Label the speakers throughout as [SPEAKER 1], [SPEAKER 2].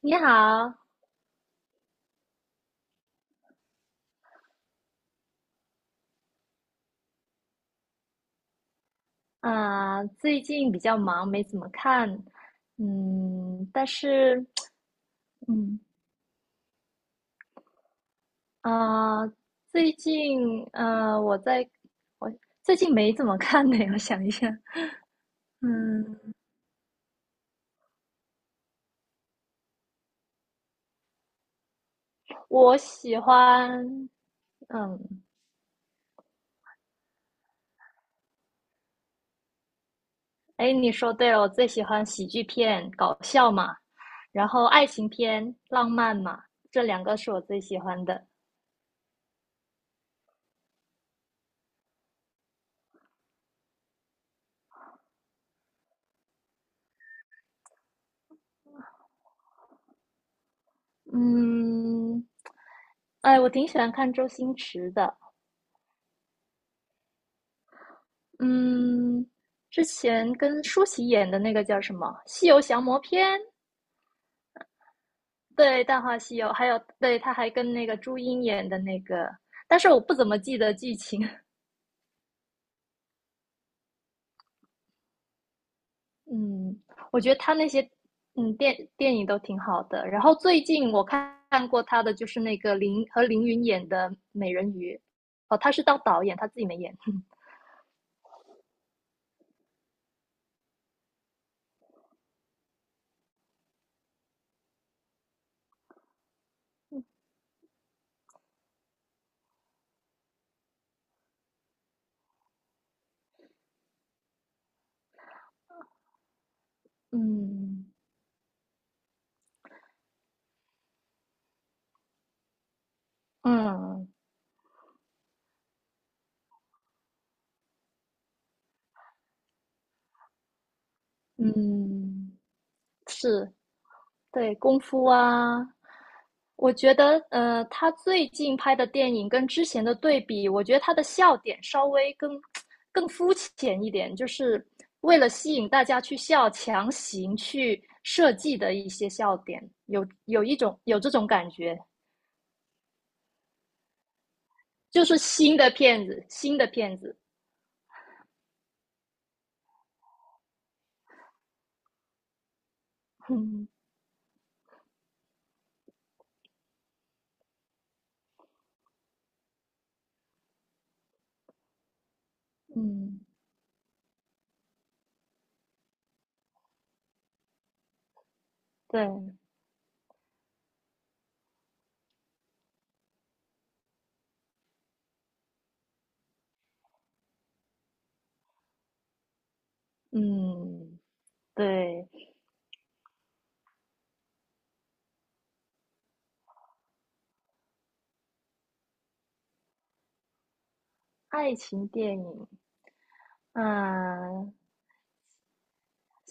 [SPEAKER 1] 你好。最近比较忙，没怎么看。嗯，但是，嗯，啊、最近，呃，我在，我最近没怎么看呢，我想一下。嗯，我喜欢，嗯，哎，你说对了，我最喜欢喜剧片，搞笑嘛，然后爱情片，浪漫嘛，这两个是我最喜欢的。嗯，哎，我挺喜欢看周星驰的。嗯，之前跟舒淇演的那个叫什么《西游降魔篇》？对，《大话西游》，还有对，他还跟那个朱茵演的那个，但是我不怎么记得剧情。嗯，我觉得他那些电影都挺好的。然后最近我看过他的就是那个林和林允演的《美人鱼》，哦，他是当导演，他自己没演。嗯嗯嗯，是。对，功夫啊，我觉得，他最近拍的电影跟之前的对比，我觉得他的笑点稍微更肤浅一点，就是为了吸引大家去笑，强行去设计的一些笑点，有这种感觉，就是新的片子，新的片子。嗯嗯，对，嗯对。爱情电影，嗯，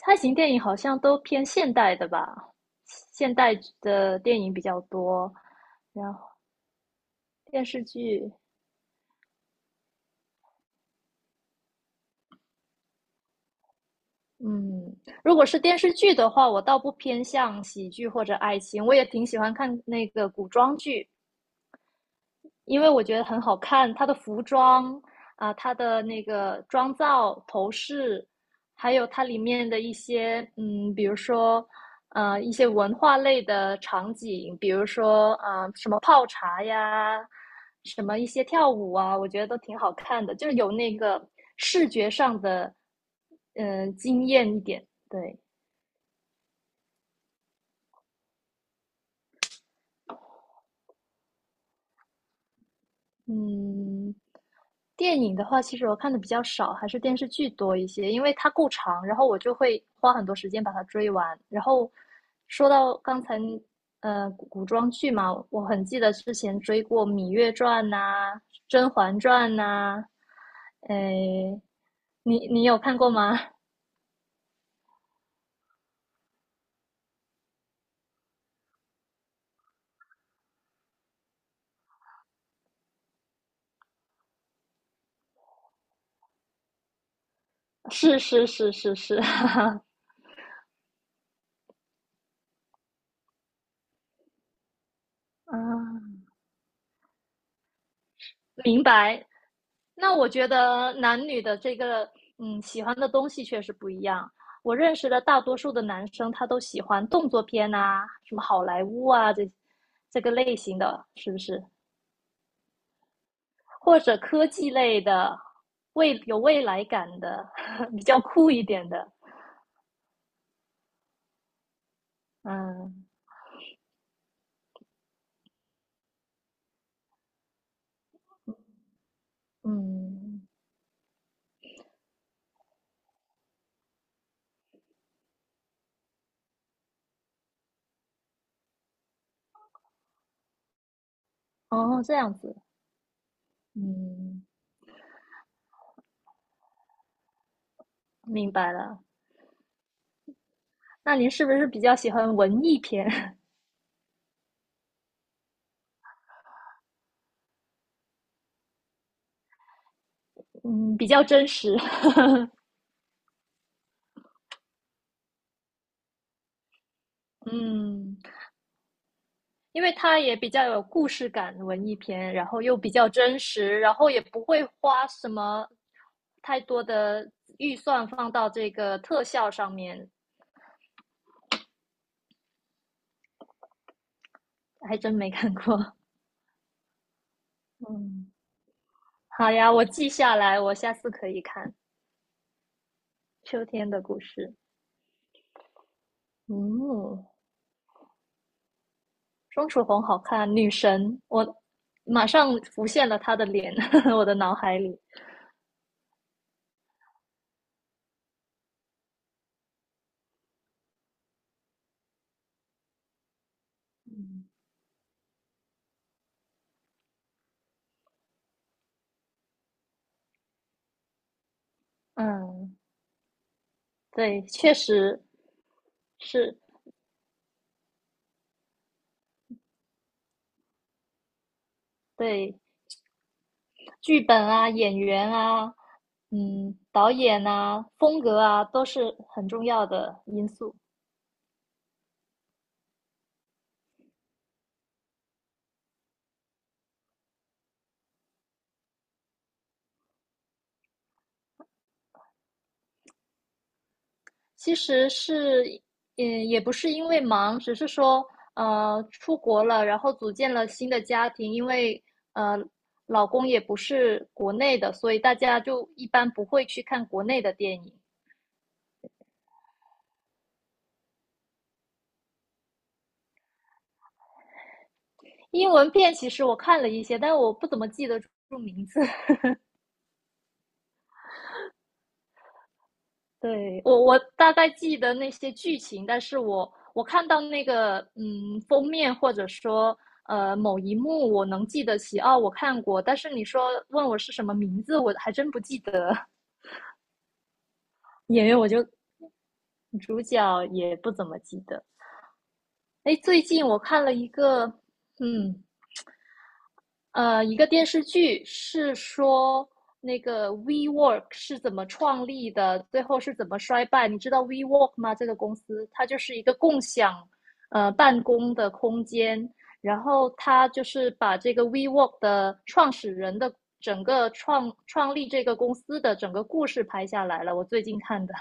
[SPEAKER 1] 爱情电影好像都偏现代的吧，现代的电影比较多，然后电视剧。嗯，如果是电视剧的话，我倒不偏向喜剧或者爱情，我也挺喜欢看那个古装剧，因为我觉得很好看。它的服装啊，它的那个妆造、头饰，还有它里面的一些比如说一些文化类的场景，比如说什么泡茶呀，什么一些跳舞啊，我觉得都挺好看的，就是有那个视觉上的惊艳一点，对。嗯，电影的话，其实我看的比较少，还是电视剧多一些，因为它够长，然后我就会花很多时间把它追完。然后说到刚才，古装剧嘛，我很记得之前追过《芈月传》呐、《甄嬛传》呐。诶，你有看过吗？是是是是是，啊，明白。那我觉得男女的这个，嗯，喜欢的东西确实不一样。我认识的大多数的男生，他都喜欢动作片啊，什么好莱坞啊，这个类型的，是不是？或者科技类的，未来感的，比较酷一点的。嗯嗯，哦，这样子，嗯，明白了。那您是不是比较喜欢文艺片？嗯，比较真实。嗯因为它也比较有故事感，文艺片，然后又比较真实，然后也不会花什么太多的预算放到这个特效上面。还真没看过。嗯，好呀，我记下来，我下次可以看秋天的故事。嗯，钟楚红好看，女神，我马上浮现了她的脸，我的脑海里。嗯，对，确实是。对，剧本啊、演员啊、嗯、导演啊、风格啊，都是很重要的因素。其实是，嗯，也不是因为忙，只是说，呃，出国了，然后组建了新的家庭，因为呃，老公也不是国内的，所以大家就一般不会去看国内的电影。英文片其实我看了一些，但我不怎么记得住名字。对，我大概记得那些剧情，但是我看到那个封面或者说某一幕，我能记得起哦，我看过。但是你说问我是什么名字，我还真不记得。演员，我就主角也不怎么记得。哎，最近我看了一个，嗯，呃，一个电视剧是说那个 WeWork 是怎么创立的，最后是怎么衰败？你知道 WeWork 吗？这个公司它就是一个共享办公的空间，然后它就是把这个 WeWork 的创始人的整个创立这个公司的整个故事拍下来了。我最近看的，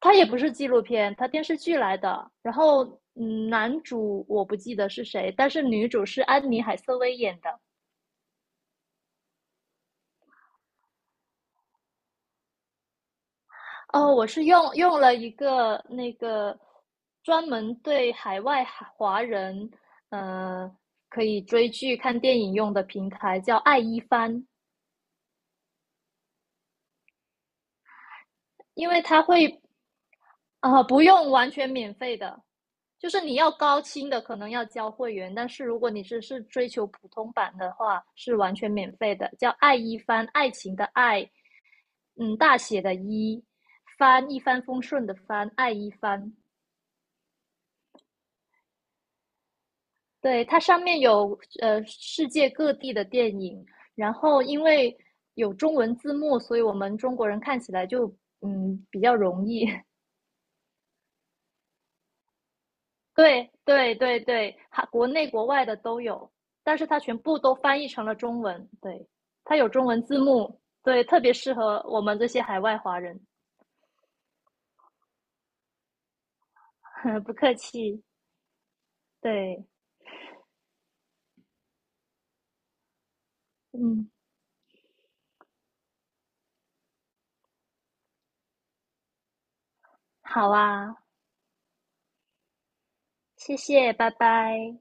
[SPEAKER 1] 它也不是纪录片，它电视剧来的。然后嗯，男主我不记得是谁，但是女主是安妮海瑟薇演的。哦，我是用了一个那个专门对海外华人，呃，可以追剧、看电影用的平台，叫爱一帆。因为它会，啊，不用完全免费的，就是你要高清的可能要交会员，但是如果你只是追求普通版的话，是完全免费的。叫爱一帆，爱情的爱，嗯，大写的一，帆一帆风顺的帆，爱一帆。对，它上面有世界各地的电影，然后因为有中文字幕，所以我们中国人看起来就比较容易。对对对对，哈，国内国外的都有，但是它全部都翻译成了中文。对，它有中文字幕，对，特别适合我们这些海外华人。不客气，对，嗯，好啊，谢谢，拜拜。